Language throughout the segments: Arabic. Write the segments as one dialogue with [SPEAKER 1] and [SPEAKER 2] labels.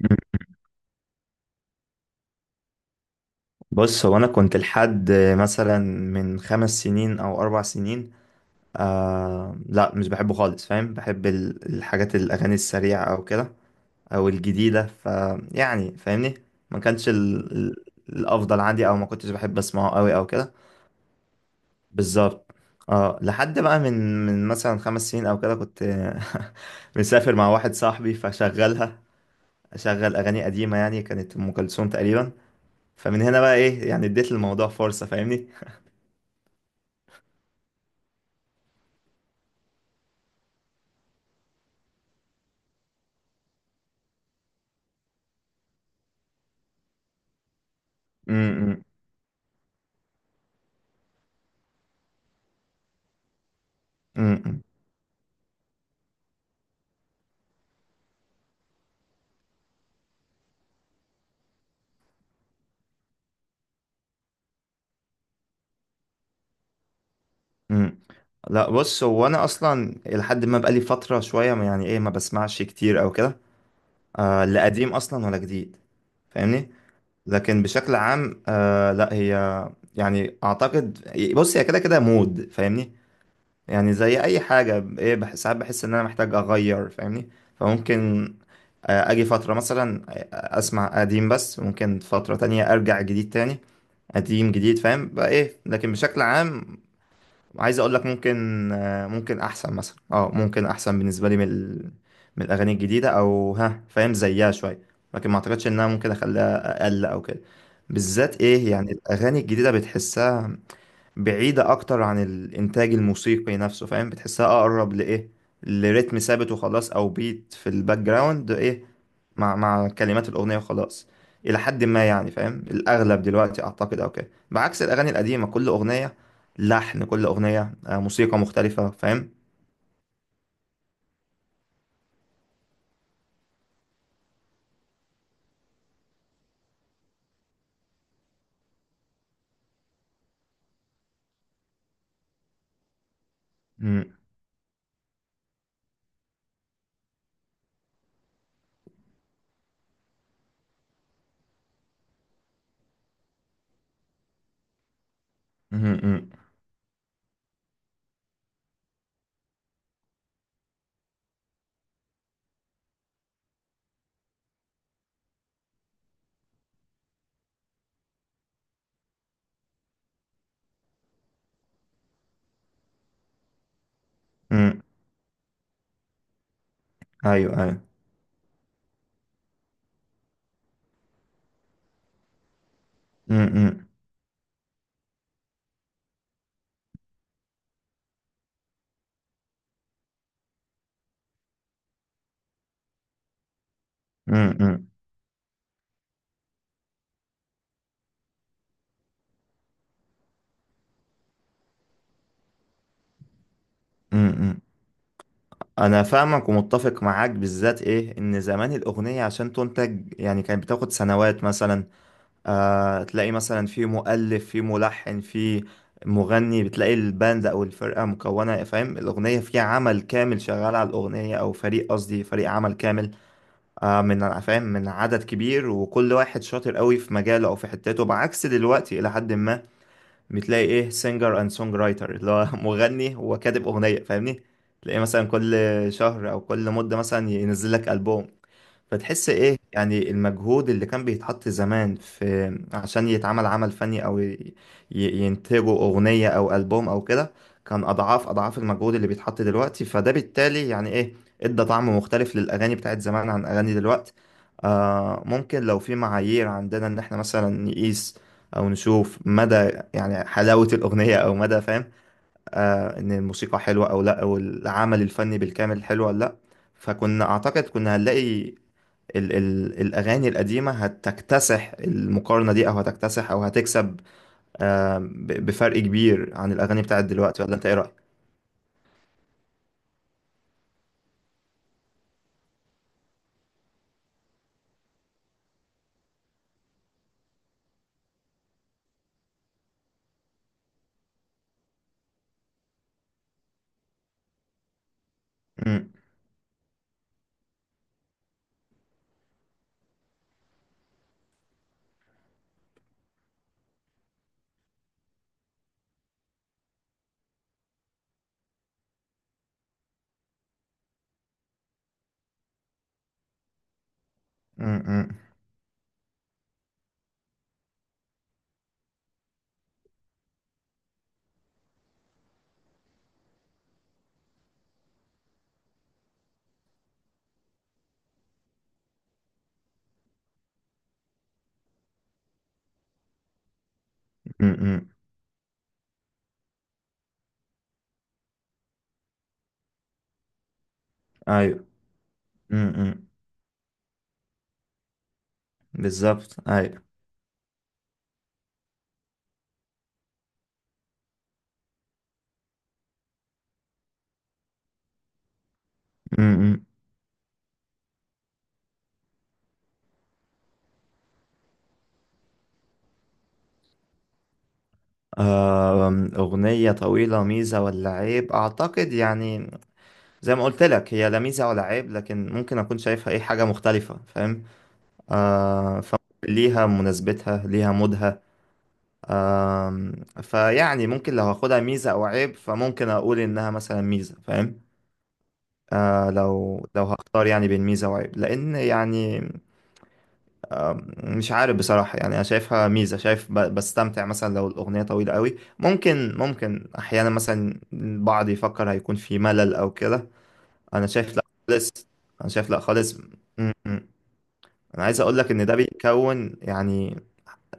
[SPEAKER 1] مم. بص، هو انا كنت لحد مثلا من خمس سنين او اربع سنين، آه لا مش بحبه خالص، فاهم؟ بحب الحاجات، الاغاني السريعه او كده، او الجديده. ف يعني فاهمني، ما كانش الافضل عندي، او ما كنتش بحب اسمعه قوي او كده. بالظبط. اه، لحد بقى من مثلا خمس سنين او كده، كنت مسافر مع واحد صاحبي، فشغلها، اشغل اغاني قديمه، يعني كانت ام كلثوم تقريبا. فمن هنا بقى ايه، يعني اديت الموضوع فرصه، فاهمني. امم، امم. امم، امم. لا، بص، هو انا اصلا لحد ما بقالي فتره شويه يعني ايه، ما بسمعش كتير او كده. آه لا، قديم اصلا ولا جديد، فاهمني. لكن بشكل عام، آه لا، هي يعني اعتقد، بص، هي كده كده مود، فاهمني. يعني زي اي حاجه ايه ساعات بحس ان انا محتاج اغير، فاهمني. فممكن آه اجي فتره مثلا اسمع قديم، بس ممكن فتره تانية ارجع جديد تاني. قديم جديد، فاهم بقى ايه. لكن بشكل عام، عايز اقول لك، ممكن احسن مثلا، اه ممكن احسن بالنسبه لي من من الاغاني الجديده، او ها فاهم، زيها شويه. لكن ما اعتقدش انها ممكن اخليها اقل او كده. بالذات ايه، يعني الاغاني الجديده بتحسها بعيدة أكتر عن الإنتاج الموسيقي نفسه، فاهم؟ بتحسها أقرب لإيه، لريتم ثابت وخلاص، أو بيت في الباك جراوند، إيه، مع كلمات الأغنية وخلاص. إلى حد ما يعني، فاهم، الأغلب دلوقتي أعتقد، أو كده، بعكس الأغاني القديمة، كل أغنية لحن، كل أغنية آه، موسيقى مختلفة، فاهم؟ مم، مم. مم، مم. أيوه، أيوه. مم، مم. مم، مم، مم. انا فاهمك ومتفق معاك، بالذات ايه ان زمان الاغنيه عشان تنتج يعني كانت بتاخد سنوات مثلا. آه، تلاقي مثلا في مؤلف، في ملحن، في مغني، بتلاقي الباند او الفرقه مكونه، فاهم، الاغنيه فيها عمل كامل شغال على الاغنيه، او فريق، قصدي فريق عمل كامل، آه، من فاهم، من عدد كبير، وكل واحد شاطر قوي في مجاله او في حتته، بعكس دلوقتي الى حد ما. بتلاقي ايه سينجر اند سونج رايتر، اللي هو مغني وكاتب اغنيه، فاهمني. تلاقي مثلا كل شهر او كل مده مثلا ينزل لك البوم. فتحس ايه، يعني المجهود اللي كان بيتحط زمان في عشان يتعمل عمل فني، او ينتجوا اغنية او البوم او كده، كان اضعاف اضعاف المجهود اللي بيتحط دلوقتي. فده بالتالي يعني ايه ادى طعم مختلف للاغاني بتاعت زمان عن اغاني دلوقتي. آه، ممكن لو في معايير عندنا ان احنا مثلا نقيس او نشوف مدى يعني حلاوة الاغنية، او مدى فاهم، آه، ان الموسيقى حلوه او لا، او العمل الفني بالكامل حلو ولا لا، فكنا اعتقد كنا هنلاقي ال ال الاغاني القديمه هتكتسح المقارنه دي، او هتكتسح، او هتكسب آه، بفرق كبير عن الاغاني بتاعت دلوقتي. ولا انت ايه رايك؟ مم، مم. مم، مم، مم. ايوه. مم، مم. بالظبط، ايوه. مم، مم. آم، أغنية طويلة ميزة ولا عيب؟ أعتقد يعني زي ما قلت لك، هي لا ميزة ولا عيب، لكن ممكن أكون شايفها إيه، حاجة مختلفة، فاهم؟ آه، فليها مناسبتها، ليها مودها. آه، فيعني ممكن لو هاخدها ميزة أو عيب، فممكن أقول إنها مثلا ميزة، فاهم؟ آه، لو لو هختار يعني بين ميزة وعيب، لأن يعني مش عارف بصراحة، يعني أنا شايفها ميزة، شايف بستمتع مثلا لو الأغنية طويلة قوي. ممكن، ممكن أحيانا مثلا البعض يفكر هيكون في ملل أو كده، أنا شايف لأ خالص. أنا شايف لأ خالص. م، م. أنا عايز أقول لك إن ده بيكون يعني،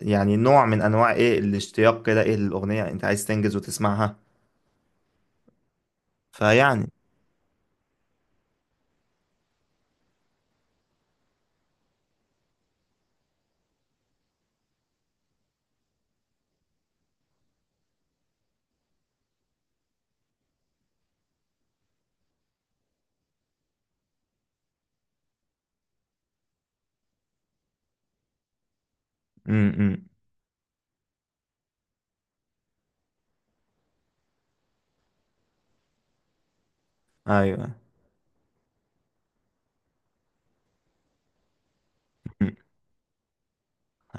[SPEAKER 1] يعني نوع من انواع ايه الاشتياق كده، ايه، للاغنيه، انت عايز تنجز وتسمعها. فيعني، امم. ايوه. مم.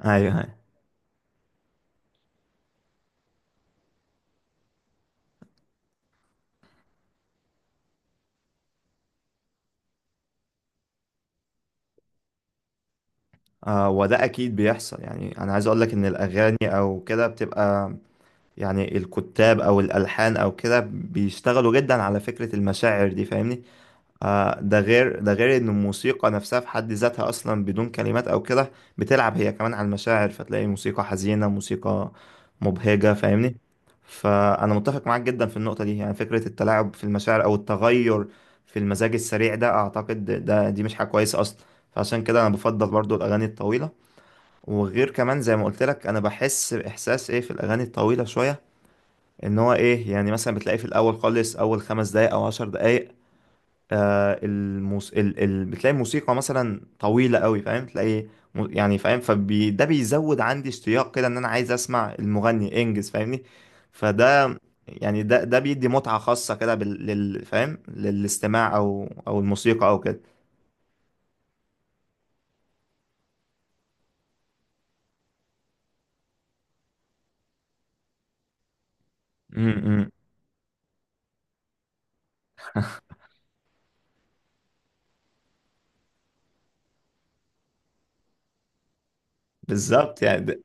[SPEAKER 1] ايوه، ايوه. آه، وده اكيد بيحصل، يعني انا عايز اقول لك ان الاغاني او كده بتبقى، يعني الكتاب او الالحان او كده بيشتغلوا جدا على فكره المشاعر دي، فاهمني. آه، ده غير، ده غير ان الموسيقى نفسها في حد ذاتها اصلا بدون كلمات او كده بتلعب هي كمان على المشاعر، فتلاقي موسيقى حزينة، موسيقى مبهجة، فاهمني. فانا متفق معاك جدا في النقطة دي، يعني فكرة التلاعب في المشاعر او التغير في المزاج السريع ده، اعتقد ده دي مش حاجة كويسة اصلا. فعشان كده انا بفضل برضو الاغاني الطويلة. وغير كمان زي ما قلت لك، انا بحس باحساس ايه في الاغاني الطويلة شوية، ان هو ايه، يعني مثلا بتلاقي في الاول خالص، اول خمس دقايق او عشر دقايق، آه بتلاقي موسيقى مثلا طويلة قوي، فاهم، تلاقي يعني فاهم، ده بيزود عندي اشتياق كده، ان انا عايز اسمع المغني انجز، فاهمني. فده يعني، ده ده بيدي متعة خاصة كده فاهم، للاستماع او او الموسيقى او كده. امم. بالظبط يعني ده...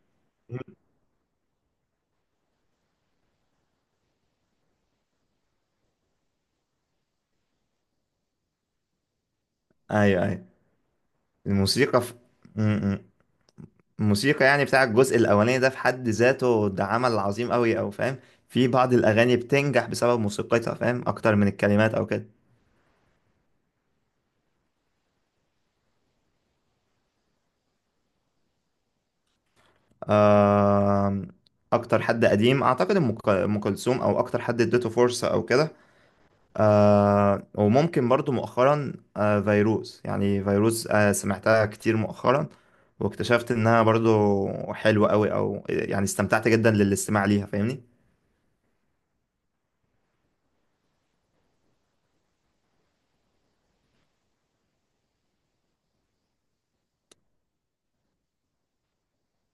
[SPEAKER 1] ايوه، ايوه. الموسيقى في... امم. الموسيقى يعني بتاع الجزء الاولاني ده في حد ذاته، ده عمل عظيم قوي، او فاهم في بعض الاغاني بتنجح بسبب موسيقتها، فاهم، اكتر من الكلمات او كده. آم، اكتر حد قديم اعتقد أم كلثوم، او اكتر حد اديته فرصه او كده. آه، وممكن برضو مؤخرا آه، فيروز، يعني فيروز آه، سمعتها كتير مؤخرا، واكتشفت انها برضو حلوة قوي، او يعني استمتعت جدا للاستماع ليها، فاهمني.